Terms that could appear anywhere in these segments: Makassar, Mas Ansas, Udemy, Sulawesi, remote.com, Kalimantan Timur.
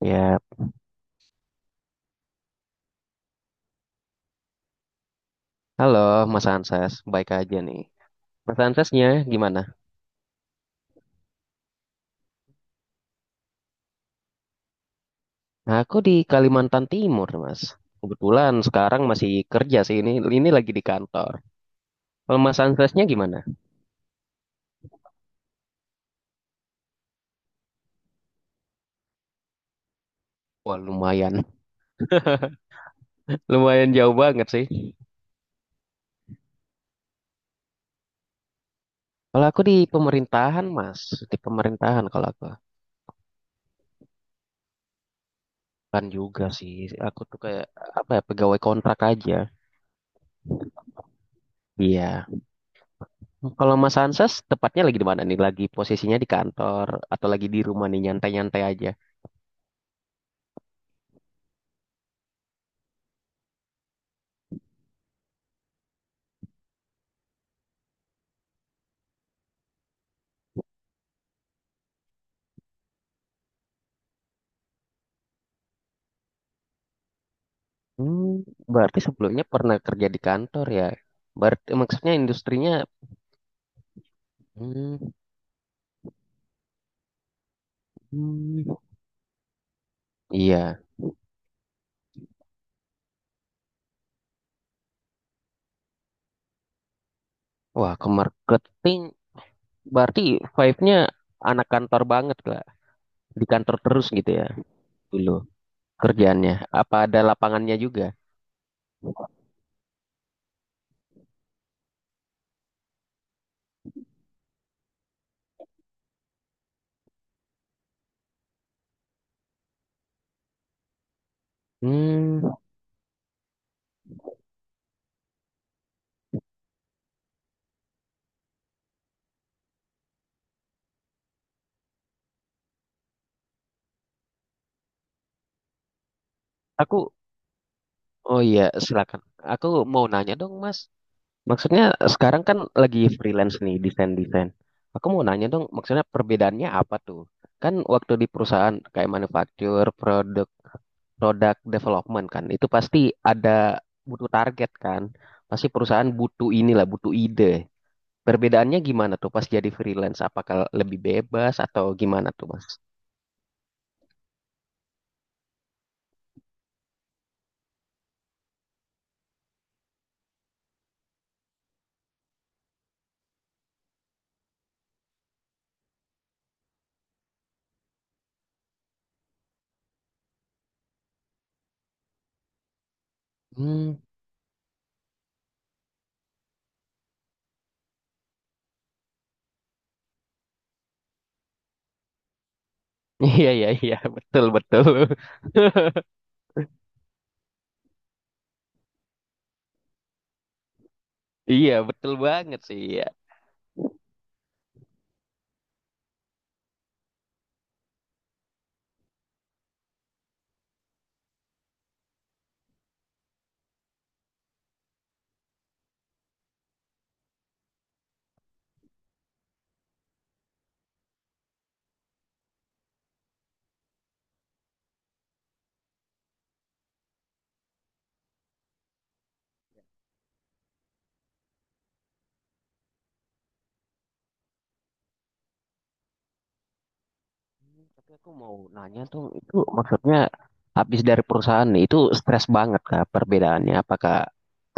Ya, halo Mas Ansas, baik aja nih. Mas Ansasnya gimana? Aku di Kalimantan Timur, Mas. Kebetulan sekarang masih kerja sih ini lagi di kantor. Kalau Mas Ansasnya gimana? Wah, lumayan, lumayan jauh banget sih. Kalau aku di pemerintahan, Mas, di pemerintahan kalau aku kan juga sih. Aku tuh kayak apa ya, pegawai kontrak aja. Iya. Kalau Mas Ansas tepatnya lagi di mana nih? Lagi posisinya di kantor atau lagi di rumah nih nyantai-nyantai aja? Hmm, berarti sebelumnya pernah kerja di kantor ya? Berarti maksudnya industrinya, hmm, hmm, iya. Wah, ke marketing berarti vibe-nya anak kantor banget lah. Di kantor terus gitu ya dulu kerjaannya. Apa ada lapangannya juga? Hmm, aku, oh iya, silakan. Aku mau nanya dong, Mas. Maksudnya sekarang kan lagi freelance nih, desain-desain. Aku mau nanya dong, maksudnya perbedaannya apa tuh? Kan waktu di perusahaan kayak manufaktur, product development kan itu pasti ada butuh target kan pasti perusahaan butuh inilah butuh ide perbedaannya gimana tuh pas jadi freelance apakah lebih bebas atau gimana tuh mas hmm. Iya iya iya betul betul. Iya betul banget sih iya. Hmm, tapi aku mau nanya tuh, itu maksudnya habis dari perusahaan itu stres banget kah perbedaannya? Apakah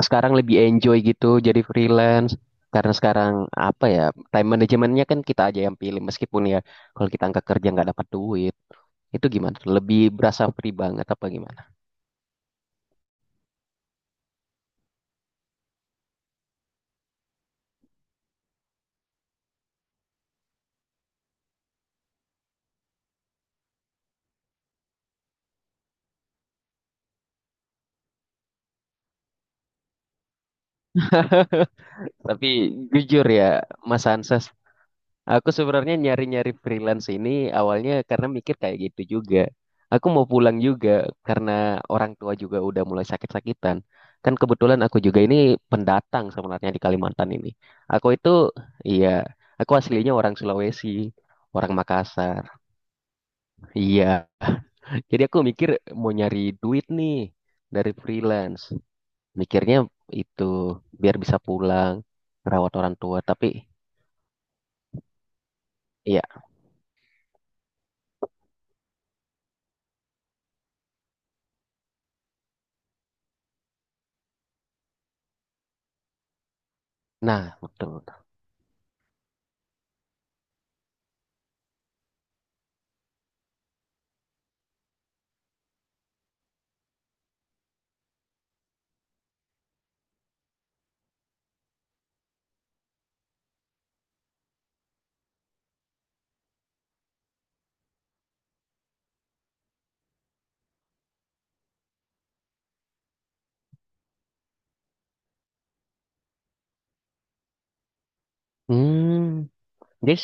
sekarang lebih enjoy gitu jadi freelance? Karena sekarang apa ya, time manajemennya kan kita aja yang pilih meskipun ya kalau kita angkat kerja nggak dapat duit, itu gimana? Lebih berasa free banget apa gimana? Tapi jujur ya, Mas Anses, aku sebenarnya nyari-nyari freelance ini awalnya karena mikir kayak gitu juga. Aku mau pulang juga karena orang tua juga udah mulai sakit-sakitan. Kan kebetulan aku juga ini pendatang sebenarnya di Kalimantan ini. Aku itu, iya, aku aslinya orang Sulawesi, orang Makassar. Iya, jadi aku mikir mau nyari duit nih dari freelance. Mikirnya itu biar bisa pulang, rawat orang tua. Tapi iya, nah betul. Hmm, jadi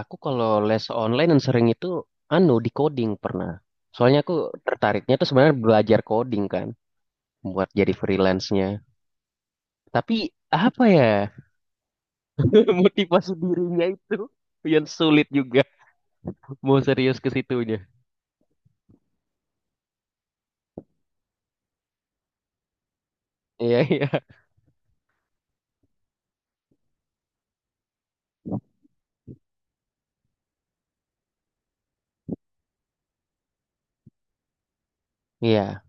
aku kalau les online yang sering itu anu di coding pernah. Soalnya aku tertariknya tuh sebenarnya belajar coding kan buat jadi freelance-nya. Tapi apa ya, motivasi dirinya itu yang sulit juga mau serius ke situnya. Iya iya iya.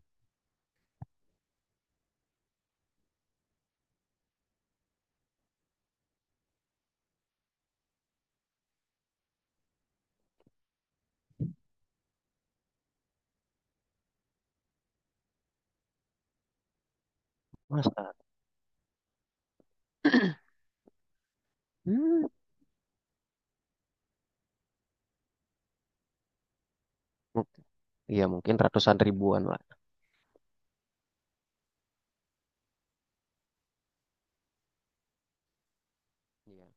Masa? Hmm. Mu- iya mungkin ratusan ribuan lah. Iya.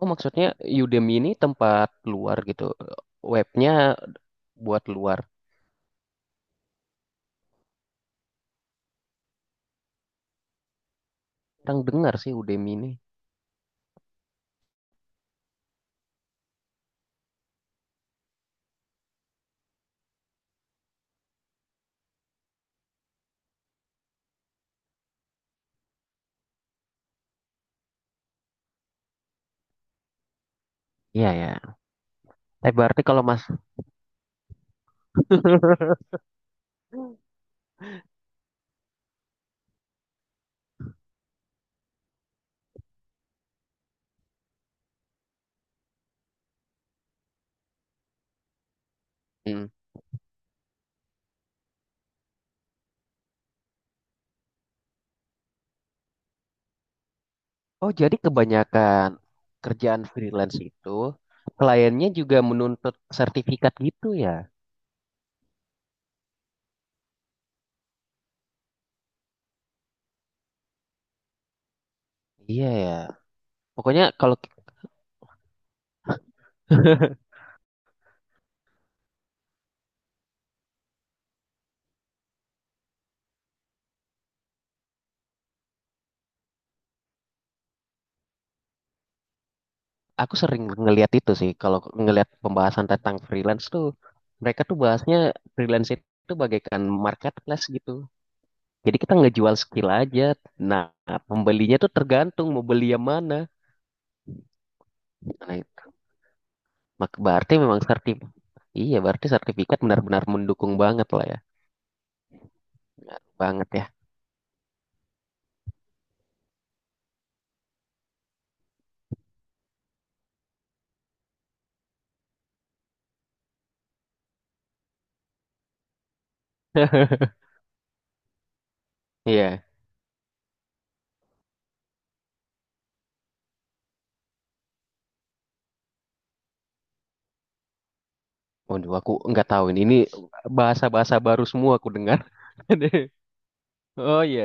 Oh maksudnya Udemy ini tempat luar gitu. Webnya buat luar. Orang dengar sih Udemy ini. Iya ya. Tapi berarti kalau mas, mm. Oh, jadi kebanyakan kerjaan freelance itu kliennya juga menuntut sertifikat gitu ya? Iya ya. Pokoknya kalau aku sering ngelihat itu sih, kalau ngelihat pembahasan tentang freelance tuh, mereka tuh bahasnya freelance itu bagaikan marketplace gitu. Jadi kita ngejual skill aja. Nah, pembelinya tuh tergantung mau beli yang mana. Nah, itu. Mak- berarti memang sertif. Iya, berarti sertifikat benar-benar mendukung banget lah ya. Banget ya. Iya. Waduh, aku nggak tahu ini. Ini bahasa-bahasa baru semua aku dengar. Oh iya,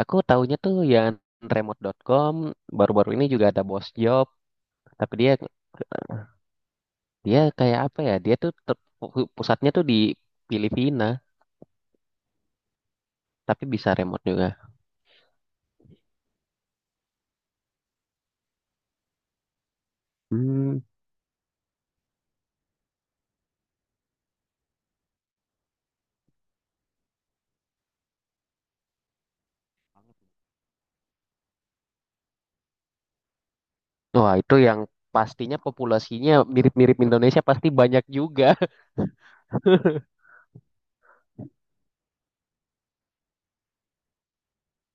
aku taunya tuh yang remote.com baru-baru ini juga ada boss Job, tapi dia dia kayak apa ya? Dia tuh ter- pu- pusatnya tuh di Filipina, tapi bisa remote juga. Hmm. Wah, itu yang pastinya populasinya mirip-mirip Indonesia pasti banyak juga.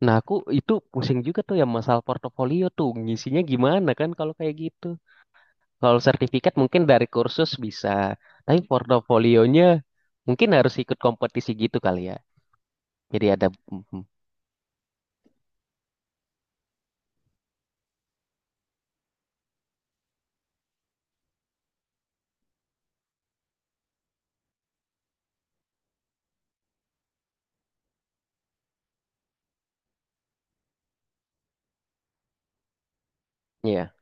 Nah, aku itu pusing juga tuh yang masalah portofolio tuh ngisinya gimana kan kalau kayak gitu. Kalau sertifikat mungkin dari kursus bisa, tapi portofolionya mungkin harus ikut kompetisi gitu kali ya. Jadi ada, mhm. Iya,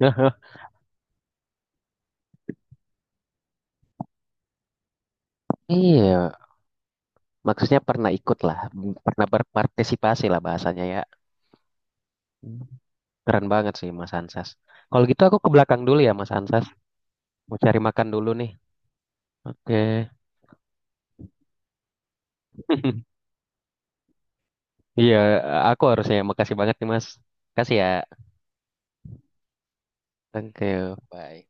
iya, maksudnya pernah ikut lah, pernah berpartisipasi lah bahasanya ya. Keren banget sih Mas Ansas. Kalau gitu aku ke belakang dulu ya Mas Ansas, mau cari makan dulu nih. Oke, iya, aku harusnya. Makasih banget nih Mas. Kasih ya. Thank you. Bye.